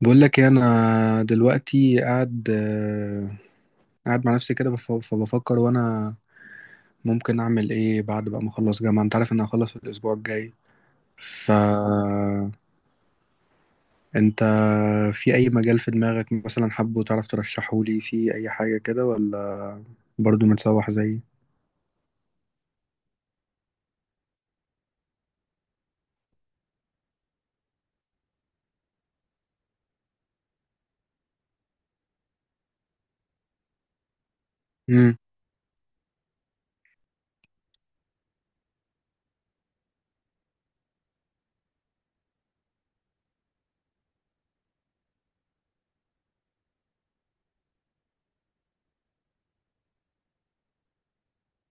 بقول لك ايه، انا دلوقتي قاعد مع نفسي كده فبفكر وانا ممكن اعمل ايه بعد بقى ما اخلص جامعة. انت عارف ان انا هخلص الاسبوع الجاي. ف انت في اي مجال في دماغك مثلا حابه تعرف ترشحه لي في اي حاجة كده، ولا برضو متسوح زيي؟ امم.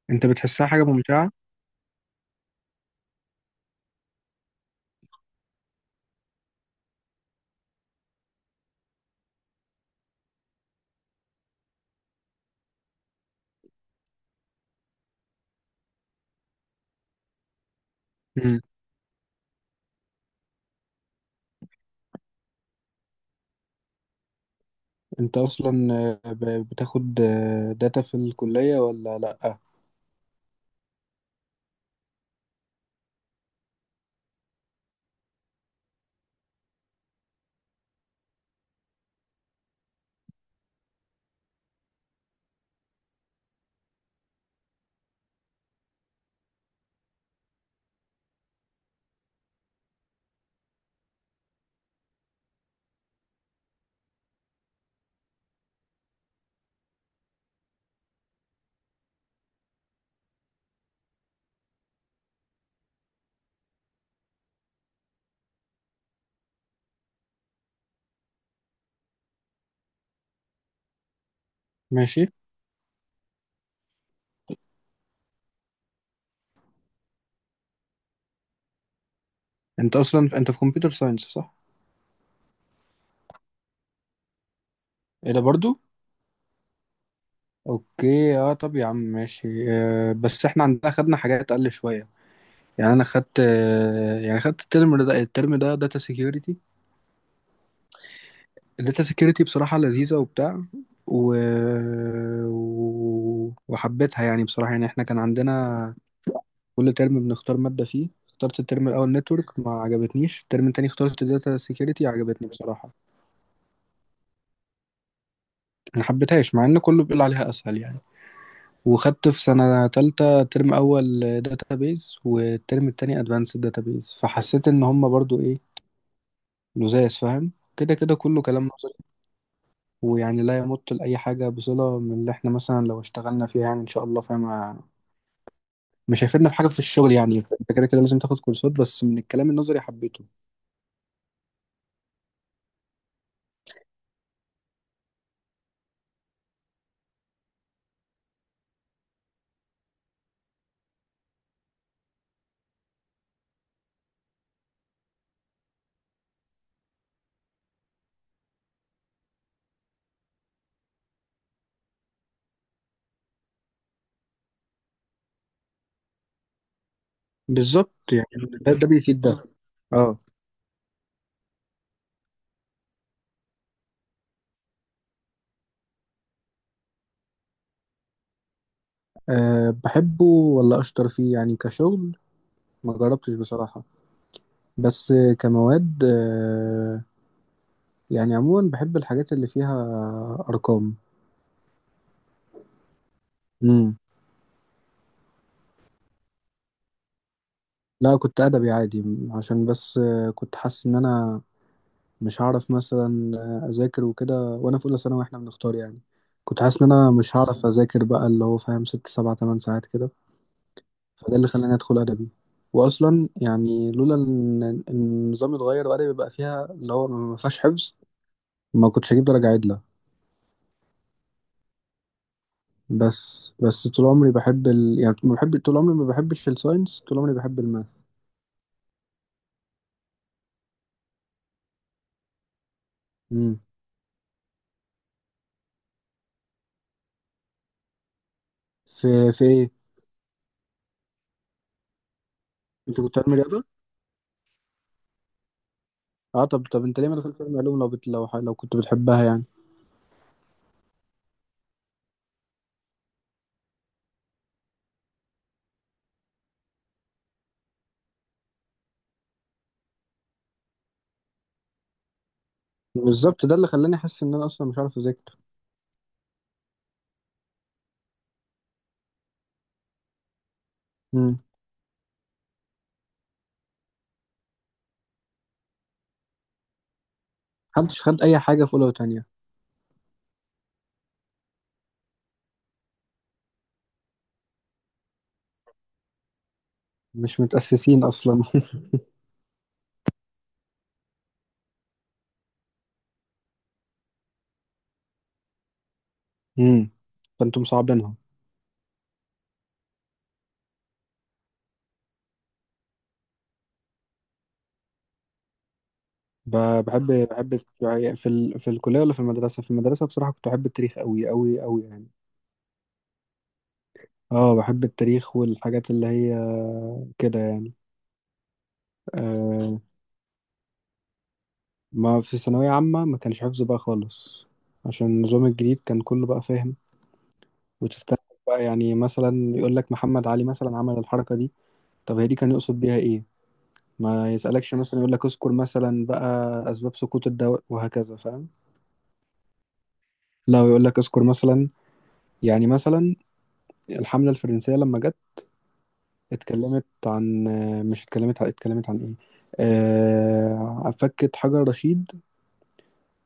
انت بتحسها حاجة ممتعة؟ امم. انت اصلا بتاخد داتا في الكلية ولا لا؟ ماشي. انت اصلا في كمبيوتر ساينس، صح؟ ايه ده برضو؟ اوكي. اه، طب يا عم ماشي، بس احنا عندنا خدنا حاجات اقل شويه. يعني انا خدت آه يعني خدت الترم ده داتا سيكيورتي. الداتا سيكيورتي بصراحه لذيذه وبتاع، و... وحبيتها يعني بصراحه. يعني احنا كان عندنا كل ترم بنختار ماده فيه. اخترت الترم الاول نتورك، ما عجبتنيش. الترم التاني اخترت داتا سيكيورتي، عجبتني بصراحه. ما حبيتهاش مع ان كله بيقول عليها اسهل يعني. وخدت في سنة تالتة ترم أول داتابيز والترم التاني أدفانسد داتابيز، فحسيت إن هما برضو إيه، لزاز، فاهم كده كده كله كلام نظري. ويعني لا يمت لأي حاجة بصلة من اللي إحنا مثلا لو اشتغلنا فيها، يعني إن شاء الله فاهم. مش هيفيدنا في حاجة في الشغل، يعني أنت كده كده لازم تاخد كورسات. بس من الكلام النظري حبيته. بالظبط يعني. ده بيفيد ده. اه. أه بحبه، ولا أشطر فيه يعني كشغل، ما جربتش بصراحة. بس كمواد، يعني عموما بحب الحاجات اللي فيها ارقام. امم. لا، كنت ادبي عادي. عشان بس كنت حاسس ان انا مش هعرف مثلا اذاكر وكده وانا في اولى ثانوي واحنا بنختار يعني. كنت حاسس ان انا مش هعرف اذاكر بقى، اللي هو فاهم ست سبع تمن ساعات كده. فده اللي خلاني ادخل ادبي. واصلا يعني لولا إن النظام اتغير وادبي بقى فيها اللي هو ما فيهاش حفظ، ما كنتش هجيب درجه عدله. بس طول عمري بحب يعني ما بحب، طول عمري ما بحبش الساينس، طول عمري بحب الماث. في في ايه؟ انت كنت علمي رياضه؟ اه، طب انت ليه ما دخلتش علمي علوم، لو بت... لو ح... لو كنت بتحبها يعني؟ بالظبط، ده اللي خلاني احس ان انا اصلا مش عارف اذاكر. امم. محدش خد اي حاجه في اولى وتانية. مش متاسسين اصلا. امم. فانتم مصعبينها. ب... بحب في الكليه ولا في المدرسه؟ في المدرسه بصراحه كنت بحب التاريخ قوي قوي قوي يعني. اه، بحب التاريخ والحاجات اللي هي كده يعني. آه. ما في ثانويه عامه ما كانش حفظ بقى خالص. عشان النظام الجديد كان كله بقى فاهم. وتستنى بقى يعني، مثلا يقول لك محمد علي مثلا عمل الحركة دي. طب هي دي كان يقصد بيها ايه؟ ما يسألكش مثلا يقول لك اذكر مثلا بقى اسباب سقوط الدواء وهكذا فاهم. لا، ويقول لك اذكر مثلا، يعني مثلا الحملة الفرنسية لما جت، اتكلمت عن مش اتكلمت عن ايه، فكت حجر رشيد،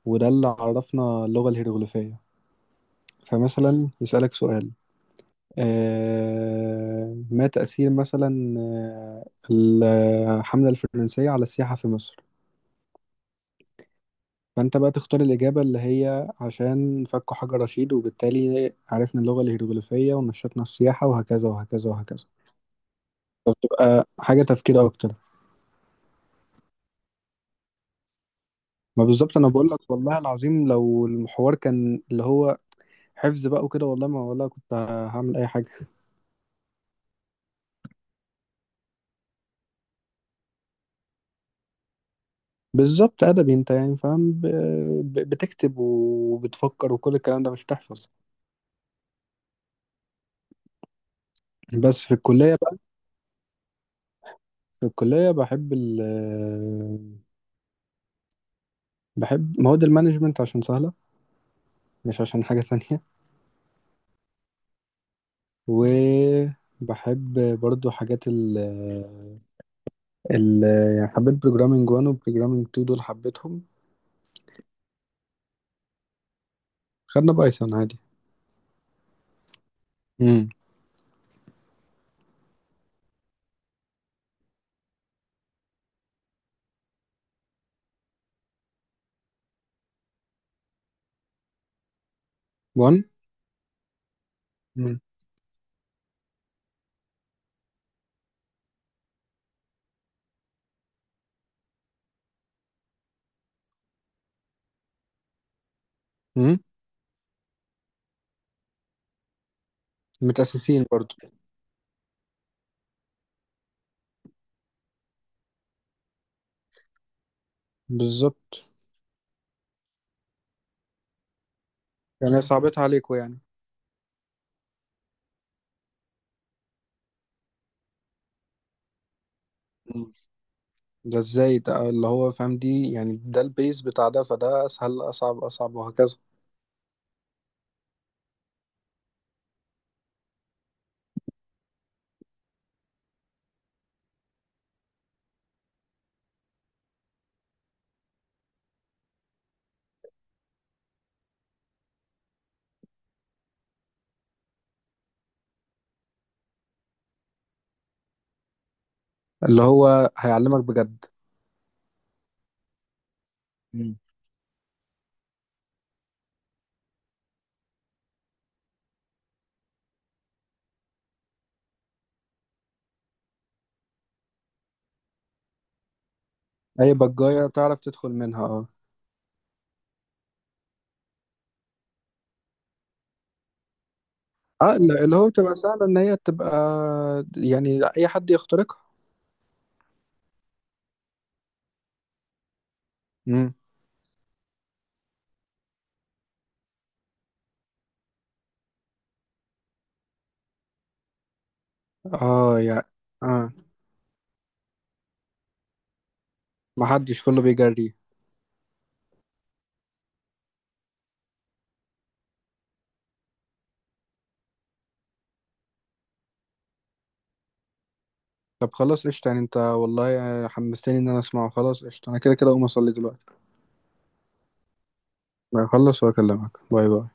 وده اللي عرفنا اللغة الهيروغليفية. فمثلا يسألك سؤال، ما تأثير مثلا الحملة الفرنسية على السياحة في مصر؟ فأنت بقى تختار الإجابة اللي هي عشان فكوا حجر رشيد، وبالتالي عرفنا اللغة الهيروغليفية ونشطنا السياحة وهكذا وهكذا وهكذا. تبقى حاجة تفكير أكتر. ما بالظبط، أنا بقول لك والله العظيم، لو المحور كان اللي هو حفظ بقى وكده، والله ما والله كنت هعمل أي حاجة. بالظبط، أدبي أنت يعني فاهم، بتكتب وبتفكر وكل الكلام ده مش بتحفظ. بس في الكلية. في الكلية بحب بحب مواد المانجمنت عشان سهلة، مش عشان حاجة تانية. وبحب برضو حاجات ال ال يعني حبيت بروجرامينج 1 وبروجرامينج 2، دول حبيتهم. خدنا بايثون عادي. امم. 1. امم. أمم. متأسسين برضو. بالظبط. يعني صعبتها عليكم يعني؟ أمم. ده ازاي؟ ده اللي هو فاهم دي يعني، ده البيز بتاع ده، فده اسهل، اصعب اصعب وهكذا. اللي هو هيعلمك بجد. اي بجاية تعرف تدخل منها، اه. اه، اللي هو بتبقى سهلة ان هي تبقى، يعني اي حد يخترقها. امم. اه يعني، اه. ما حدش، كله بيجري. طب خلاص قشطة يعني، انت والله حمستني ان انا اسمعه. خلاص قشطة، انا كده كده اقوم اصلي دلوقتي. هخلص واكلمك. باي باي.